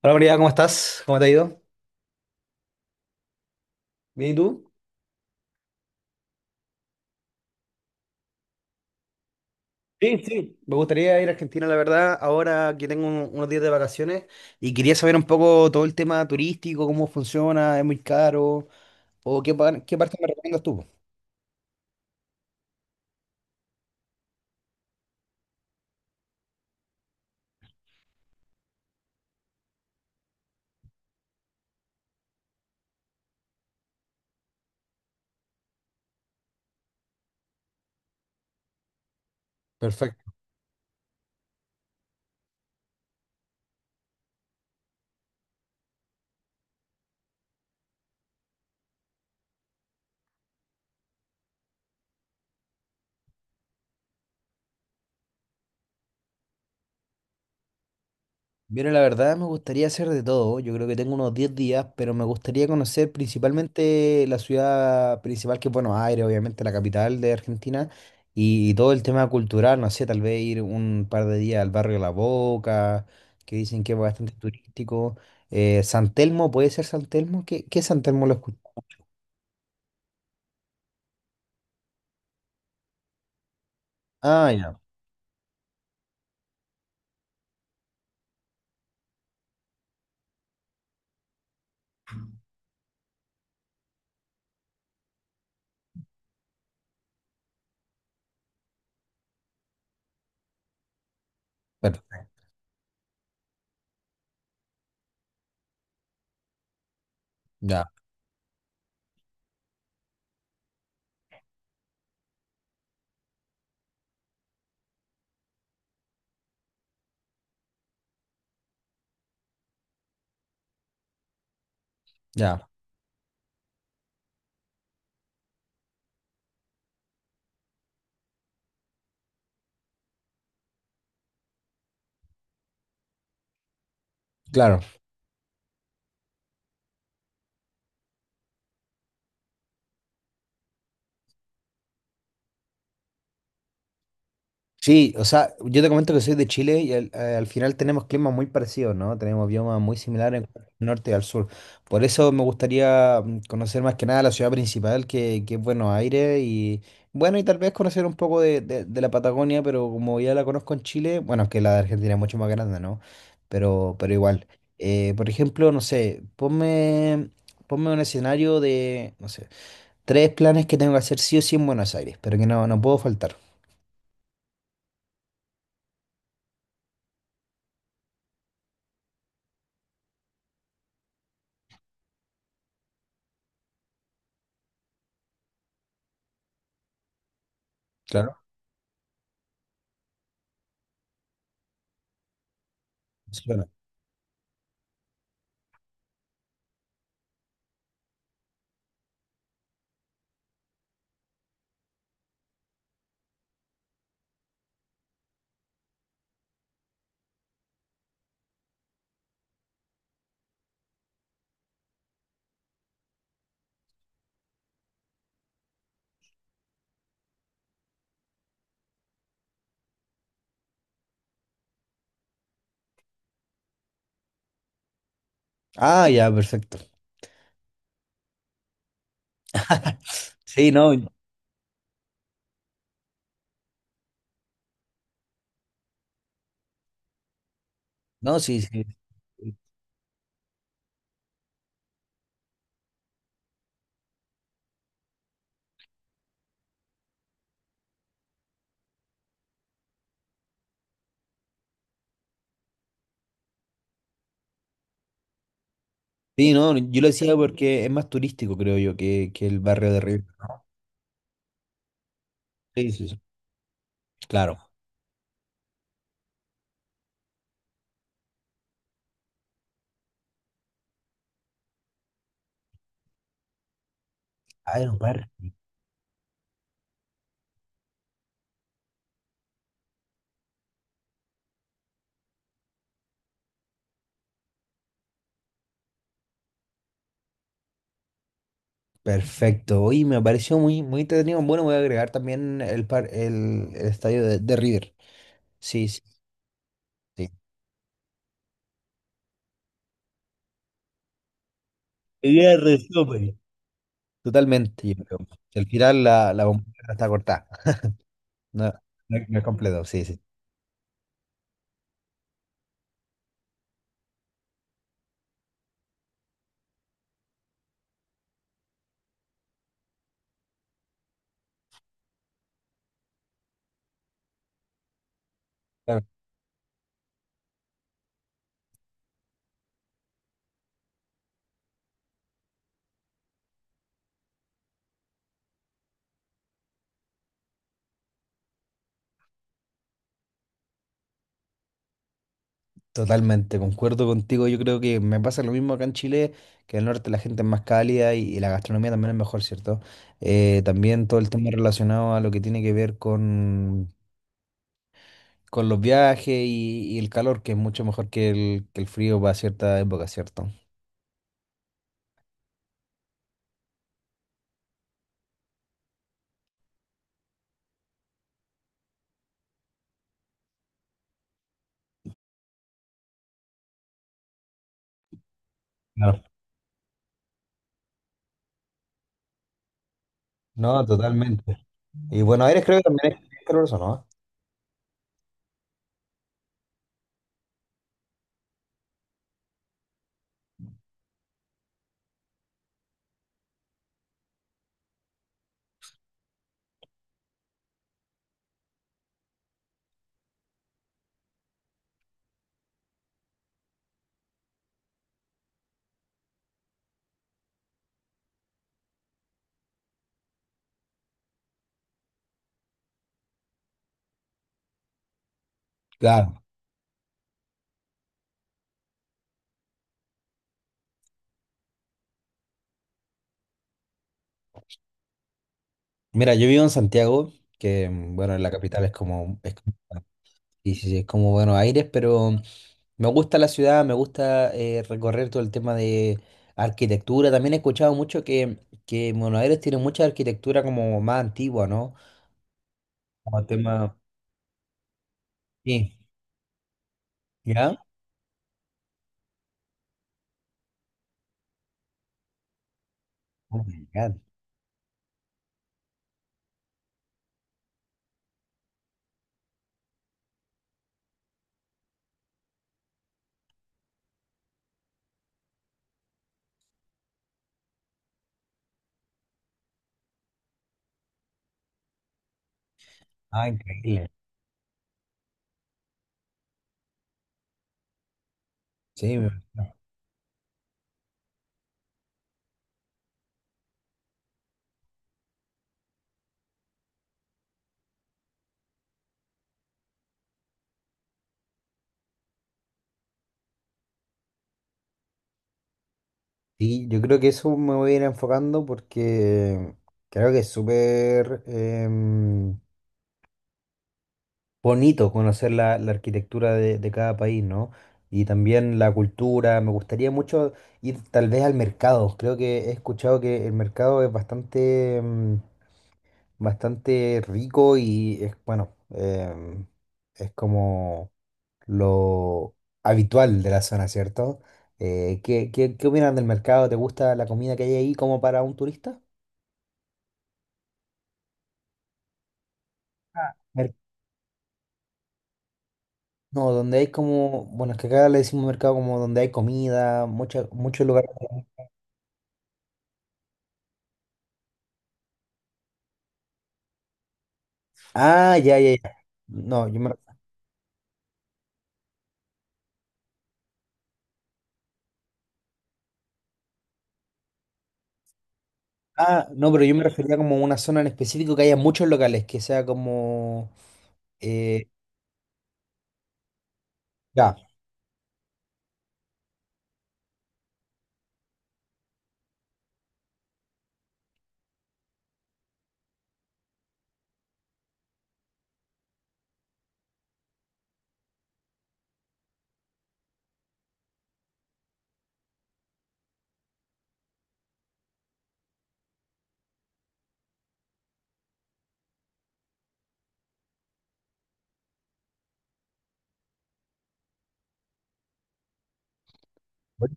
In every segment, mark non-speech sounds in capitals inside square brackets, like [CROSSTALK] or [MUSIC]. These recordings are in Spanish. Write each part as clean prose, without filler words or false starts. Hola María, ¿cómo estás? ¿Cómo te ha ido? Bien, ¿y tú? Sí, sí, me gustaría ir a Argentina, la verdad, ahora que tengo unos días de vacaciones y quería saber un poco todo el tema turístico, cómo funciona, ¿es muy caro o qué, qué parte me recomiendas tú? Perfecto. Mira, la verdad me gustaría hacer de todo. Yo creo que tengo unos 10 días, pero me gustaría conocer principalmente la ciudad principal, que es Buenos Aires, obviamente la capital de Argentina, y todo el tema cultural, no sé, tal vez ir un par de días al barrio La Boca, que dicen que es bastante turístico. San Telmo, ¿puede ser San Telmo? ¿Qué es San Telmo, lo escuché? Ah, ya, perfecto, ya, ya, claro. Sí, o sea, yo te comento que soy de Chile y al final tenemos climas muy parecidos, ¿no? Tenemos biomas muy similares en cuanto al norte y al sur. Por eso me gustaría conocer más que nada la ciudad principal, que es Buenos Aires, y bueno, y tal vez conocer un poco de la Patagonia, pero como ya la conozco en Chile. Bueno, es que la de Argentina es mucho más grande, ¿no? Pero igual. Por ejemplo, no sé, ponme un escenario de, no sé, tres planes que tengo que hacer sí o sí en Buenos Aires, pero que no puedo faltar. Claro. Sí. Ah, ya, perfecto. [LAUGHS] Sí, no, no, sí, sí. Sí. Sí, no, yo lo decía porque es más turístico, creo yo, que el barrio de Río. Sí, sí, sí. Claro. Ah, era un par. Perfecto. Oye, me pareció muy, muy entretenido. Bueno, voy a agregar también el estadio de River. Sí, sí, sí. Idea resumen. Totalmente, yo creo. Al final la bombonera está cortada. No, no, no es completo, sí, sí. Totalmente, concuerdo contigo. Yo creo que me pasa lo mismo acá en Chile, que en el norte la gente es más cálida y la gastronomía también es mejor, ¿cierto? También todo el tema relacionado a lo que tiene que ver con los viajes y el calor, que es mucho mejor que el frío para cierta época, ¿cierto? Claro. No, totalmente. Y Buenos Aires creo que también es, ¿no? Claro. Mira, yo vivo en Santiago, que bueno, en la capital es como- Y sí, sí, es como Buenos Aires, pero. Me gusta la ciudad, me gusta recorrer todo el tema de arquitectura. También he escuchado mucho que Buenos Aires tiene mucha arquitectura como más antigua, ¿no? Como tema. Sí, ¿ya? Oh my God. Ah, increíble. Sí, me imagino. Sí, yo creo que eso me voy a ir enfocando porque creo que es súper... em, bonito conocer la arquitectura de cada país, ¿no? Y también la cultura. Me gustaría mucho ir tal vez al mercado. Creo que he escuchado que el mercado es bastante rico y es, bueno, es como lo habitual de la zona, ¿cierto? ¿Qué opinas del mercado? ¿Te gusta la comida que hay ahí como para un turista? Ah, no, donde hay como, bueno, es que acá le decimos mercado como donde hay comida, muchos lugares. Ah, ya, ya, ya. No, yo me. Ah, no, pero yo me refería como a una zona en específico que haya muchos locales, que sea como. eh, ya.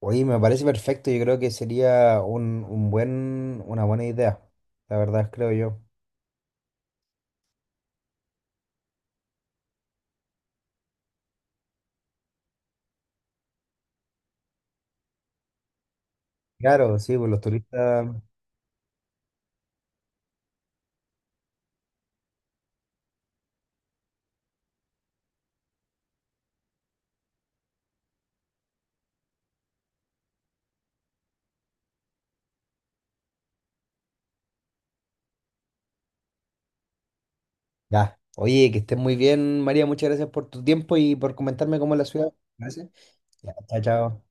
Oye, me parece perfecto. Yo creo que sería un, una buena idea. La verdad, creo yo. Claro, sí, pues los turistas. Ya. Oye, que estés muy bien, María. Muchas gracias por tu tiempo y por comentarme cómo es la ciudad. Gracias. Ya, chao, chao.